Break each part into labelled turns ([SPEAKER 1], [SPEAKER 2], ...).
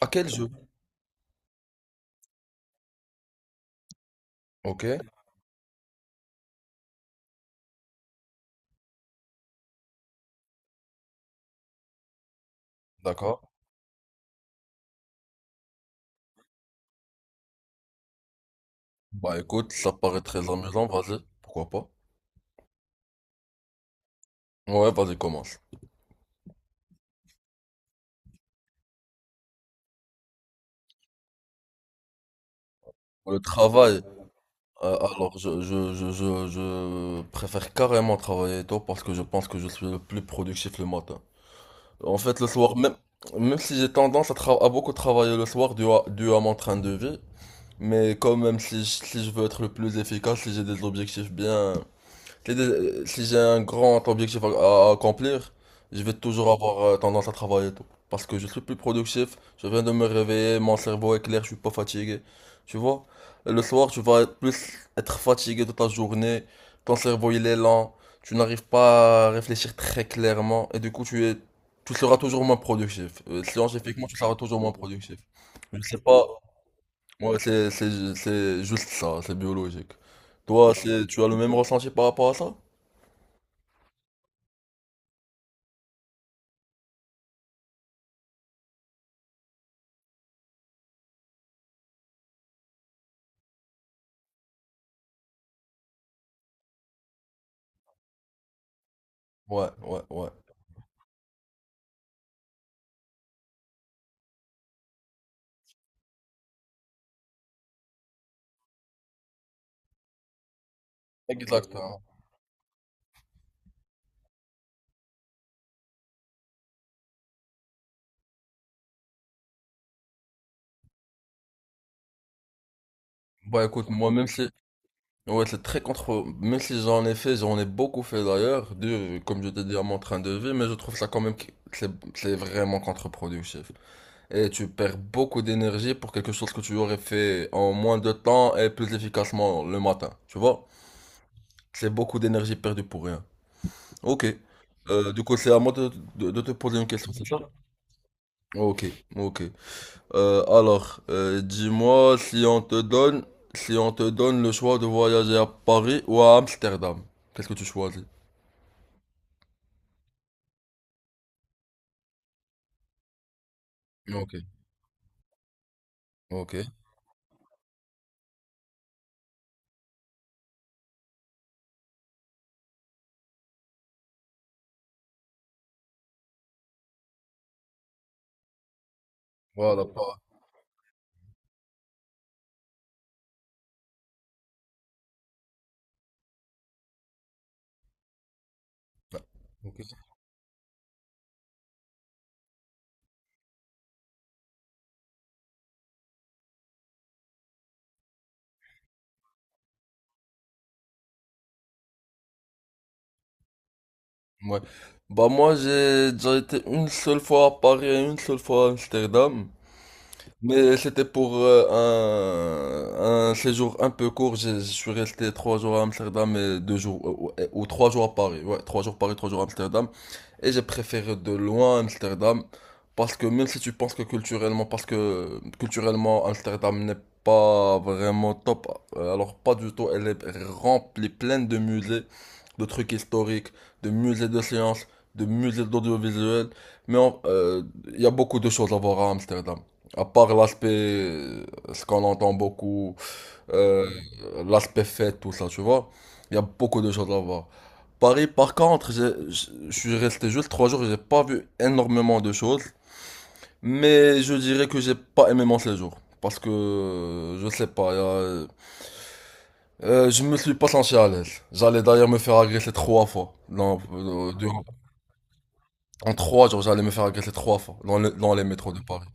[SPEAKER 1] À quel jeu? Ok, d'accord. Bah écoute, ça paraît très amusant, vas-y, pourquoi pas? Ouais, vas-y, commence. Le travail, alors je préfère carrément travailler tôt parce que je pense que je suis le plus productif le matin. En fait, le soir, même si j'ai tendance à beaucoup travailler le soir dû à mon train de vie, mais quand même, si je veux être le plus efficace, si j'ai des objectifs bien. Si j'ai un grand objectif à accomplir, je vais toujours avoir tendance à travailler et tout. Parce que je suis plus productif, je viens de me réveiller, mon cerveau est clair, je suis pas fatigué. Tu vois? Et le soir, tu vas être fatigué de ta journée, ton cerveau il est lent, tu n'arrives pas à réfléchir très clairement, et du coup tu seras toujours moins productif. Scientifiquement, tu seras toujours moins productif. Je sais pas, moi c'est juste ça, c'est biologique. Toi, tu as le même ressenti par rapport à ça? Ouais, ouais, ouais. Exactement. Bah écoute, moi même si ouais, c'est très contre même si j'en ai fait, j'en ai beaucoup fait d'ailleurs, de comme je t'ai dit à mon train de vie, mais je trouve ça quand même que c'est c'est vraiment contre-productif. Et tu perds beaucoup d'énergie pour quelque chose que tu aurais fait en moins de temps et plus efficacement le matin. Tu vois? C'est beaucoup d'énergie perdue pour rien. Ok. Du coup, c'est à moi de te poser une question, c'est ça? Ok, ok. Alors, dis-moi si on te donne, le choix de voyager à Paris ou à Amsterdam, qu'est-ce que tu choisis? Ok, ok. Voilà, pas. Ok. Ouais. Bah moi j'ai déjà été une seule fois à Paris et une seule fois à Amsterdam. Mais c'était pour un séjour un peu court. Je suis resté 3 jours à Amsterdam et 2 jours ou 3 jours à Paris. Ouais, 3 jours Paris, 3 jours à Amsterdam. Et j'ai préféré de loin Amsterdam parce que même si tu penses que culturellement, parce que culturellement Amsterdam n'est pas vraiment top, alors pas du tout, elle est remplie, pleine de musées, de trucs historiques, de musées de sciences, de musées d'audiovisuel, mais il y a beaucoup de choses à voir à Amsterdam. À part l'aspect, ce qu'on entend beaucoup, euh, l'aspect fête, tout ça, tu vois. Il y a beaucoup de choses à voir. Paris, par contre, je suis resté juste 3 jours, j'ai pas vu énormément de choses, mais je dirais que j'ai pas aimé mon séjour. Parce que, je sais pas, je me suis pas senti à l'aise. J'allais d'ailleurs me faire agresser 3 fois. En 3 jours, j'allais me faire agresser 3 fois dans les métros de Paris.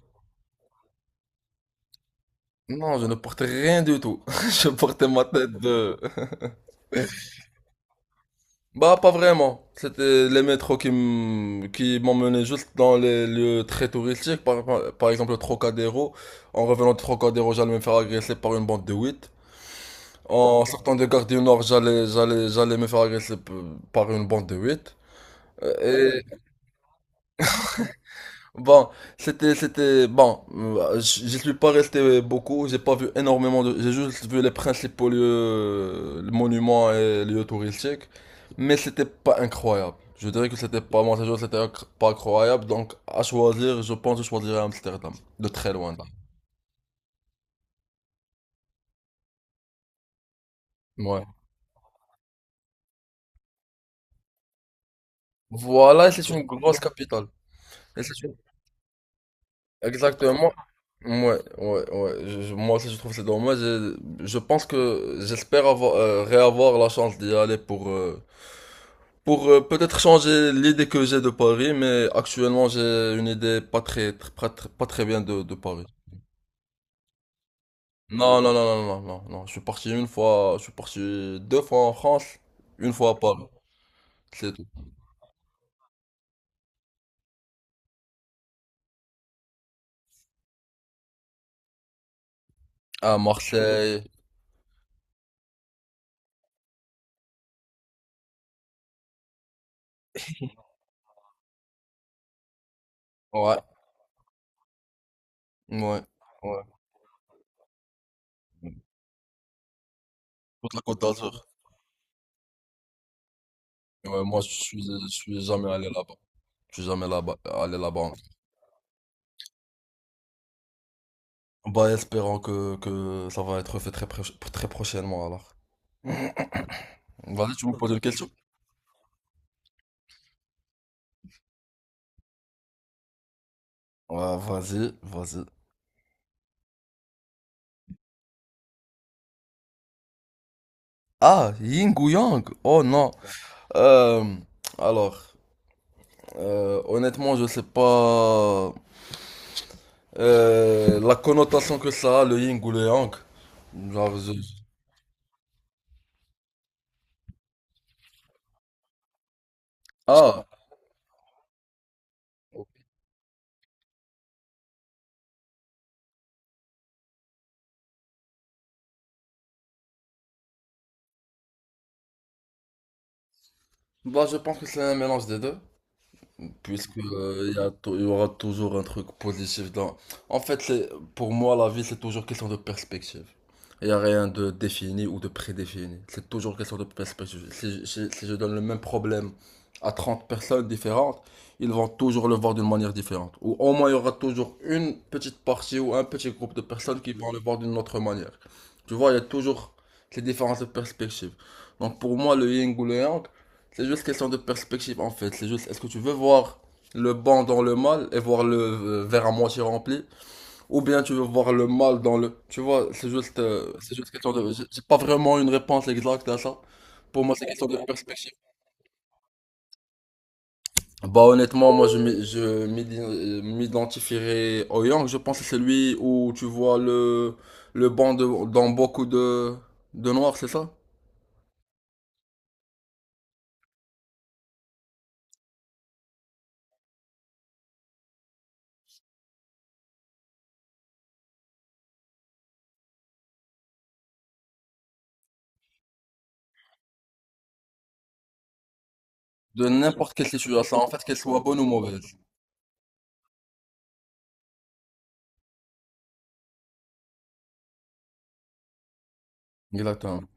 [SPEAKER 1] Non, je ne portais rien du tout. Je portais ma tête de... Bah, pas vraiment. C'était les métros qui m'emmenaient juste dans les lieux très touristiques. Par exemple, le Trocadéro. En revenant de Trocadéro, j'allais me faire agresser par une bande de 8. En sortant de Gare du Nord, j'allais me faire agresser par une bande de 8. Bon, j'y suis pas resté beaucoup, j'ai pas vu énormément de, j'ai juste vu les principaux lieux, les monuments et lieux touristiques, mais c'était pas incroyable. Je dirais que c'était pas, mon séjour, c'était pas incroyable, donc à choisir, je pense que je choisirais Amsterdam, de très loin. Ouais. Voilà, et c'est une grosse capitale. Et c'est une... Exactement. Ouais, ouais, ouais. Moi aussi, je trouve que c'est dommage. Je pense que j'espère avoir, réavoir la chance d'y aller pour, pour peut-être changer l'idée que j'ai de Paris, mais actuellement j'ai une idée pas très, tr- pas très bien de Paris. Non, non, non, non, non, non, non. Je suis parti une fois, je suis parti deux fois en France, une fois à Paris, c'est tout. À Marseille, ouais, ouais, ouais. Toute la Côte d'Azur. Ouais, moi je suis jamais allé là-bas. Je suis jamais allé là-bas encore. Bah, espérons que ça va être fait très prochainement alors. Vas-y, tu me poses une question? Ouais, vas-y, vas-y. Ah, Ying ou Yang? Oh non. Euh, alors, honnêtement, je sais pas la connotation que ça a, le Ying ou le Yang. Genre. Ah, bah je pense que c'est un mélange des deux. Puisque il y aura toujours un truc positif dans. En fait, pour moi, la vie, c'est toujours question de perspective. Il n'y a rien de défini ou de prédéfini. C'est toujours question de perspective. Si je donne le même problème à 30 personnes différentes, ils vont toujours le voir d'une manière différente. Ou au moins, il y aura toujours une petite partie ou un petit groupe de personnes qui vont le voir d'une autre manière. Tu vois, il y a toujours ces différences de perspective. Donc pour moi, le yin ou le yang, c'est juste question de perspective en fait. C'est juste, est-ce que tu veux voir le bon dans le mal et voir le verre à moitié rempli, ou bien tu veux voir le mal dans le. Tu vois, c'est juste question de. J'ai pas vraiment une réponse exacte à ça. Pour moi, c'est question de perspective. Bah honnêtement, moi je m'identifierais au Yang. Je pense que c'est lui où tu vois le bon dans beaucoup de noirs, c'est ça? De n'importe quelle situation, en fait, qu'elle soit bonne ou mauvaise. Exactement.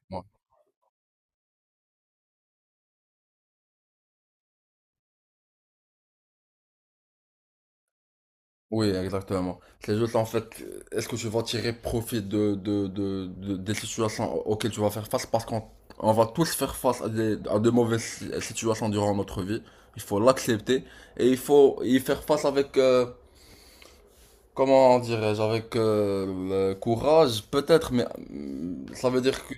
[SPEAKER 1] Oui, exactement. C'est juste en fait, est-ce que tu vas tirer profit des situations auxquelles tu vas faire face? Parce qu'on on va tous faire face à de mauvaises situations durant notre vie. Il faut l'accepter et il faut y faire face avec, comment dirais-je, avec le courage, peut-être, mais ça veut dire que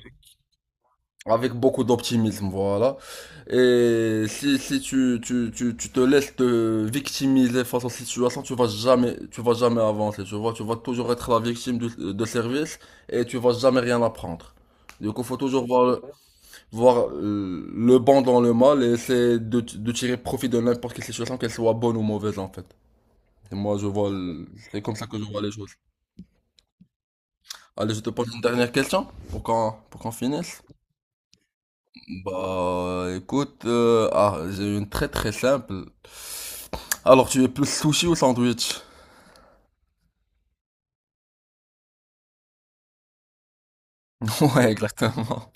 [SPEAKER 1] avec beaucoup d'optimisme, voilà. Et si tu te laisses te victimiser face aux situations, tu vas jamais avancer, tu vois. Tu vas toujours être la victime de service et tu vas jamais rien apprendre. Du coup, faut toujours voir le bon dans le mal et essayer de tirer profit de n'importe quelle situation, qu'elle soit bonne ou mauvaise, en fait. Et moi, c'est comme ça que je vois les choses. Allez, je te pose une dernière question pour qu'on finisse. Bah, écoute, ah, j'ai une très très simple. Alors, tu es plus sushi ou sandwich? Ouais, exactement.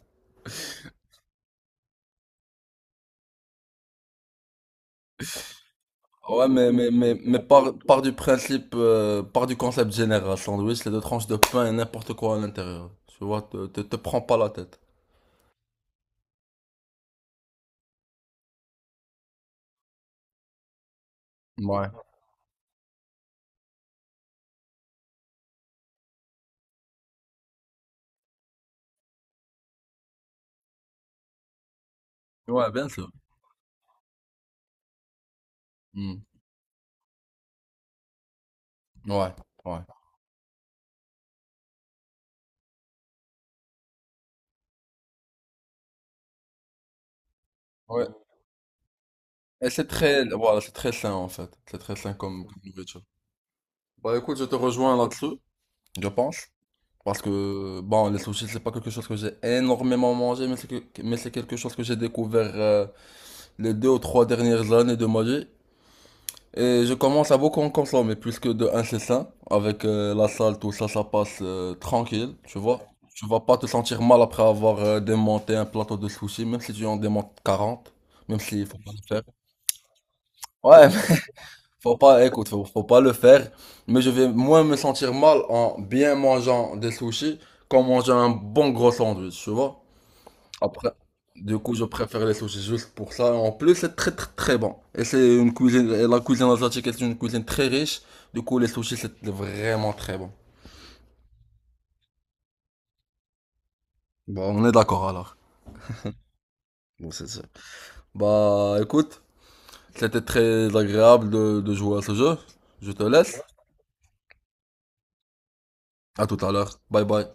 [SPEAKER 1] Ouais, mais par du concept général, sandwich, c'est deux tranches de pain et n'importe quoi à l'intérieur. Tu vois, te prends pas la tête. Ouais. Ouais, bien sûr. Hmm. Ouais, ouais. Ouais. Et c'est très, voilà, c'est très sain en fait. C'est très sain comme nourriture. Bah écoute, je te rejoins là-dessus, je pense. Parce que, bon, les sushis, c'est pas quelque chose que j'ai énormément mangé, mais c'est quelque chose que j'ai découvert les deux ou trois dernières années de ma vie. Et je commence à beaucoup en consommer, puisque de un, c'est sain. Avec la salle, tout ça, ça passe tranquille, tu vois. Tu vas pas te sentir mal après avoir démonté un plateau de sushis, même si tu en démontes 40, même s'il faut pas le faire. Ouais, faut pas, écoute, faut pas le faire. Mais je vais moins me sentir mal en bien mangeant des sushis qu'en mangeant un bon gros sandwich, tu vois. Après, du coup, je préfère les sushis juste pour ça. En plus, c'est très très très bon. Et c'est une cuisine, et la cuisine asiatique est une cuisine très riche. Du coup, les sushis, c'est vraiment très bon. Bah, on est d'accord alors. Bon, c'est ça. Bah, écoute, c'était très agréable de jouer à ce jeu. Je te laisse. À tout à l'heure. Bye bye.